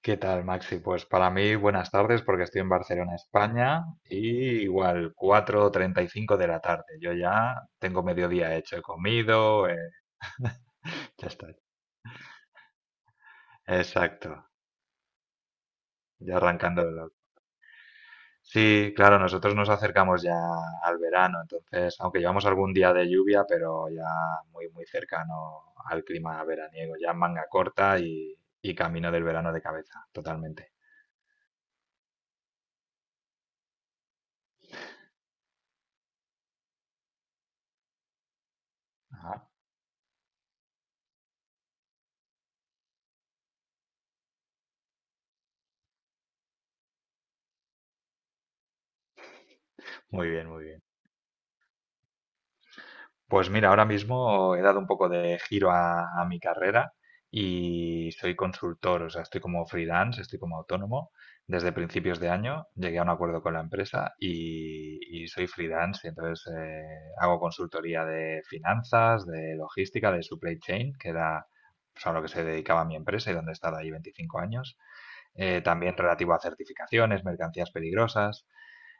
¿Qué tal, Maxi? Pues para mí buenas tardes porque estoy en Barcelona, España, y igual 4:35 de la tarde. Yo ya tengo mediodía hecho, he comido, ya está. Exacto, ya arrancando el otro. Sí, claro, nosotros nos acercamos ya al verano, entonces, aunque llevamos algún día de lluvia, pero ya muy, muy cercano al clima veraniego, ya manga corta y camino del verano de cabeza, totalmente. Ajá. Muy bien, muy bien. Pues mira, ahora mismo he dado un poco de giro a mi carrera y soy consultor, o sea, estoy como freelance, estoy como autónomo. Desde principios de año llegué a un acuerdo con la empresa y soy freelance, y entonces hago consultoría de finanzas, de logística, de supply chain, que era pues, a lo que se dedicaba mi empresa y donde he estado ahí 25 años. También relativo a certificaciones, mercancías peligrosas.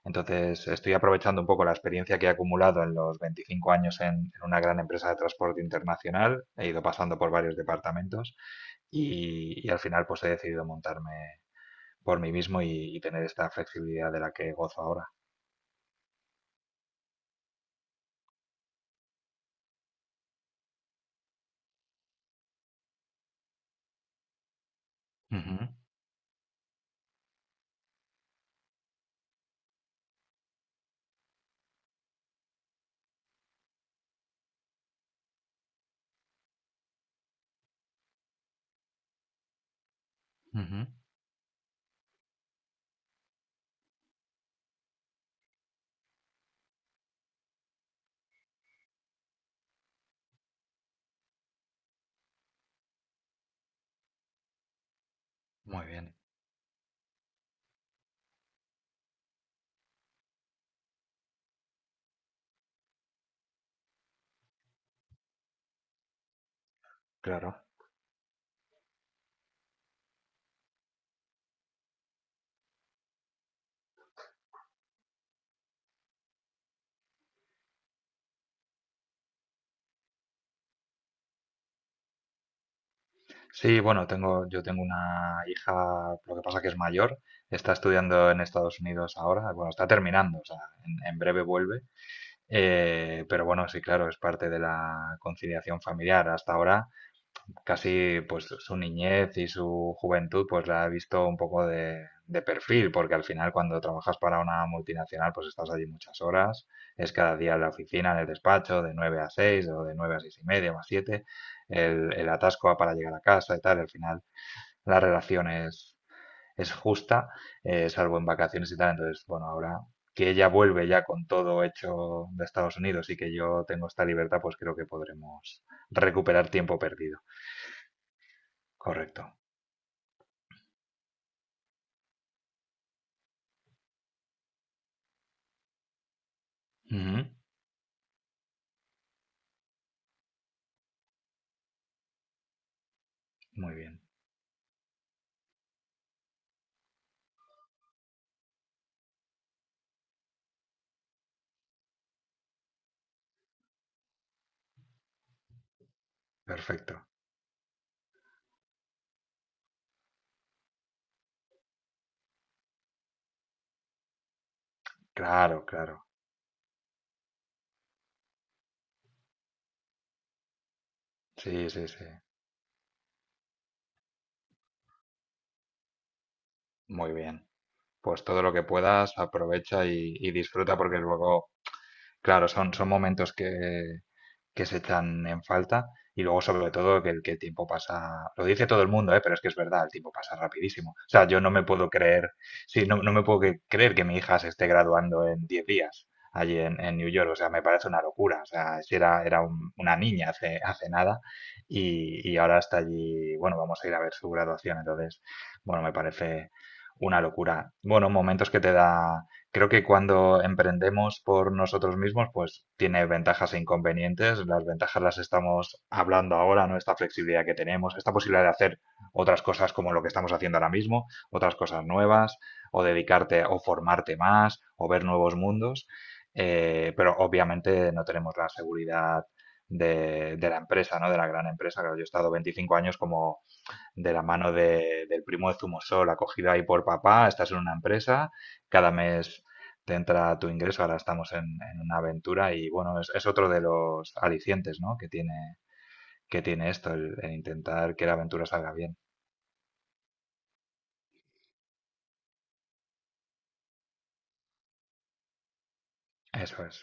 Entonces, estoy aprovechando un poco la experiencia que he acumulado en los 25 años en una gran empresa de transporte internacional. He ido pasando por varios departamentos y al final pues he decidido montarme por mí mismo y tener esta flexibilidad de la que gozo ahora. Ujú, ujú. Muy bien, claro. Sí, bueno, yo tengo una hija, lo que pasa que es mayor, está estudiando en Estados Unidos ahora, bueno, está terminando, o sea, en breve vuelve. Pero bueno, sí, claro, es parte de la conciliación familiar. Hasta ahora, casi pues su niñez y su juventud, pues la he visto un poco de perfil, porque al final cuando trabajas para una multinacional, pues estás allí muchas horas, es cada día en la oficina, en el despacho, de 9 a 6 o de 9 a 6 y media o a siete, el atasco para llegar a casa y tal, al final la relación es justa, salvo en vacaciones y tal. Entonces, bueno, ahora que ella vuelve ya con todo hecho de Estados Unidos y que yo tengo esta libertad, pues creo que podremos recuperar tiempo perdido. Correcto. Ujú. Muy bien. Perfecto. Claro, claro. Sí, sí, sí. Muy bien. Pues todo lo que puedas, aprovecha y disfruta porque luego claro, son momentos que se echan en falta y luego sobre todo que el tiempo pasa, lo dice todo el mundo, ¿eh? Pero es que es verdad, el tiempo pasa rapidísimo. O sea, yo no me puedo creer, sí, no, no me puedo creer que mi hija se esté graduando en 10 días allí en New York, o sea, me parece una locura, o sea, si era una niña hace nada y ahora está allí, bueno, vamos a ir a ver su graduación, entonces, bueno, me parece una locura. Bueno, momentos que te da. Creo que cuando emprendemos por nosotros mismos, pues tiene ventajas e inconvenientes. Las ventajas las estamos hablando ahora, ¿no? Esta flexibilidad que tenemos, esta posibilidad de hacer otras cosas como lo que estamos haciendo ahora mismo, otras cosas nuevas, o dedicarte o formarte más, o ver nuevos mundos. Pero obviamente no tenemos la seguridad de la empresa, ¿no? De la gran empresa. Claro, yo he estado 25 años como de la mano del primo de Zumosol, acogida ahí por papá, estás en una empresa, cada mes te entra tu ingreso, ahora estamos en una aventura y bueno, es otro de los alicientes, ¿no? que tiene esto, el intentar que la aventura salga bien. Eso es,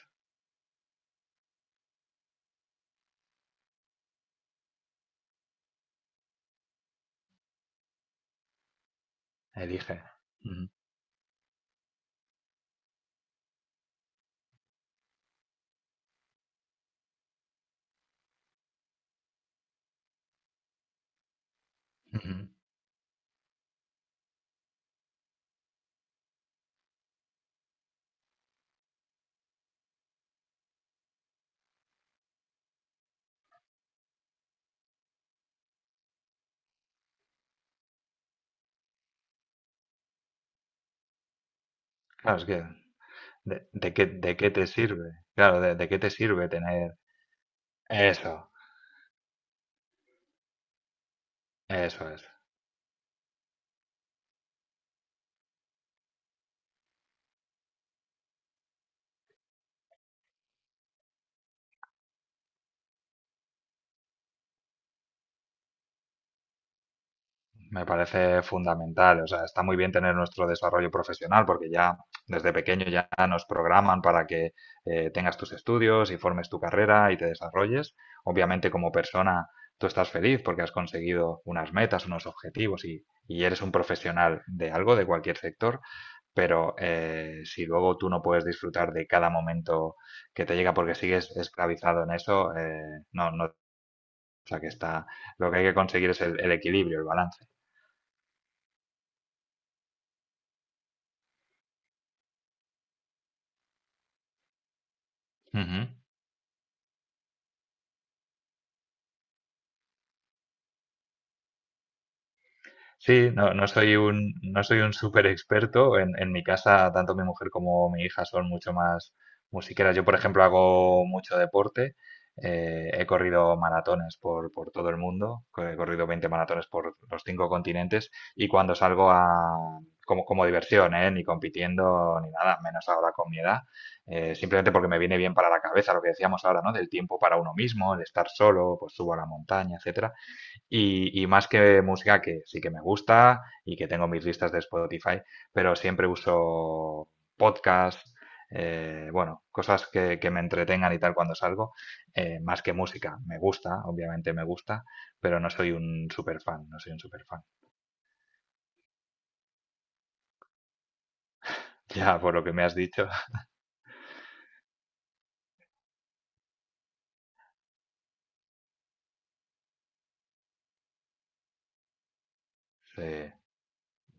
elige. Ujú, ujú. Claro, es que, ¿de qué te sirve? Claro, de qué te sirve tener eso? Eso es. Me parece fundamental. O sea, está muy bien tener nuestro desarrollo profesional porque ya desde pequeño ya nos programan para que tengas tus estudios y formes tu carrera y te desarrolles. Obviamente como persona tú estás feliz porque has conseguido unas metas, unos objetivos y eres un profesional de algo, de cualquier sector. Pero si luego tú no puedes disfrutar de cada momento que te llega porque sigues esclavizado en eso, no, no. O sea, que está, lo que hay que conseguir es el equilibrio, el balance. Ujú. Sí, no, no soy un súper experto. En mi casa, tanto mi mujer como mi hija son mucho más musiqueras. Yo, por ejemplo, hago mucho deporte. He corrido maratones por todo el mundo. He corrido 20 maratones por los cinco continentes. Y cuando salgo como diversión, ¿eh? Ni compitiendo ni nada, menos ahora con mi edad. Simplemente porque me viene bien para la cabeza lo que decíamos ahora, ¿no? Del tiempo para uno mismo, de estar solo, pues subo a la montaña, etcétera. Y más que música que sí que me gusta y que tengo mis listas de Spotify, pero siempre uso podcasts, bueno, cosas que me entretengan y tal cuando salgo, más que música. Me gusta, obviamente me gusta, pero no soy un super fan, no soy un super fan. Ya por lo que me has dicho, eh,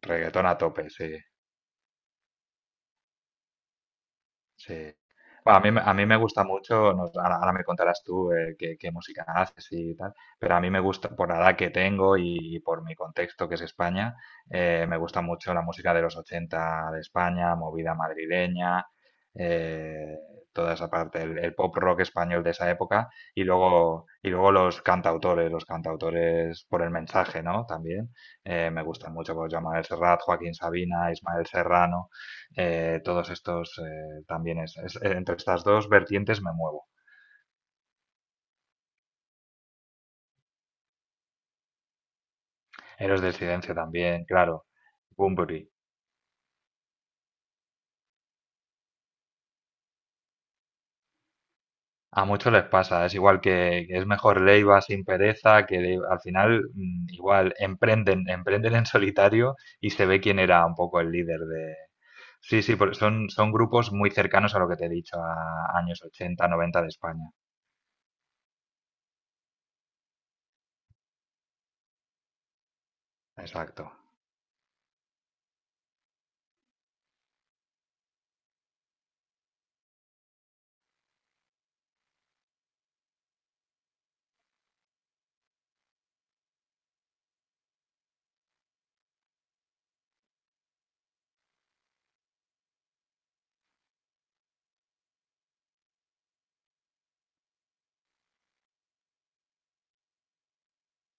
reggaetón a tope, sí. Sí. Bueno, a mí, a mí me gusta mucho, no, ahora me contarás tú qué música haces y tal, pero a mí me gusta, por la edad que tengo y, por mi contexto que es España, me gusta mucho la música de los 80 de España, movida madrileña, eh, toda esa parte, el pop rock español de esa época y luego los cantautores por el mensaje, ¿no? También me gustan mucho, pues Joan Manuel Serrat, Joaquín Sabina, Ismael Serrano, todos estos, también entre estas dos vertientes me muevo. Héroes del Silencio también, claro. Bunbury. A muchos les pasa, es igual que es mejor Leiva sin pereza, que al final igual emprenden en solitario y se ve quién era un poco el líder de... Sí, sí, porque son grupos muy cercanos a lo que te he dicho, a años 80 90 de España. Exacto.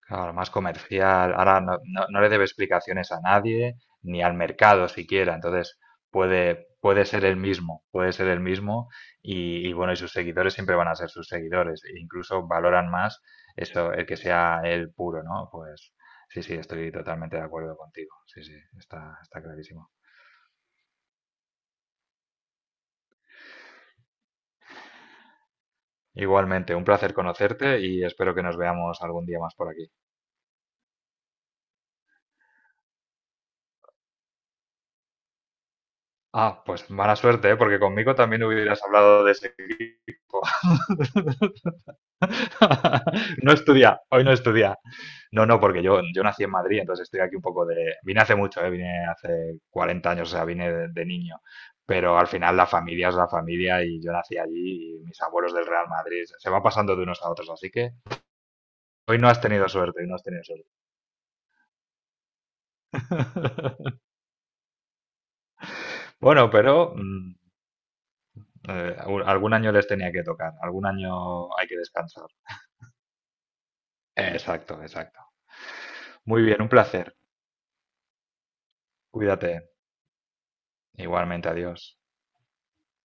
Claro, más comercial. Ahora no, no le debe explicaciones a nadie, ni al mercado siquiera. Entonces puede ser el mismo, puede ser el mismo. Y bueno, y sus seguidores siempre van a ser sus seguidores. E incluso valoran más eso, el que sea él puro, ¿no? Pues sí, sí, estoy totalmente de acuerdo contigo. Sí, sí, está clarísimo. Igualmente, un placer conocerte y espero que nos veamos algún día más por aquí. Ah, pues mala suerte, ¿eh? Porque conmigo también hubieras hablado de ese. No estudia, hoy no estudia. No, no, porque yo nací en Madrid, entonces estoy aquí un poco de... Vine hace mucho, ¿eh? Vine hace 40 años, o sea, vine de niño. Pero al final la familia es la familia y yo nací allí y mis abuelos del Real Madrid. Se va pasando de unos a otros, así que hoy no has tenido suerte, hoy no has tenido suerte. Bueno, pero algún año les tenía que tocar, algún año hay que descansar. Exacto, exacto. Muy bien, un placer. Cuídate. Igualmente, adiós.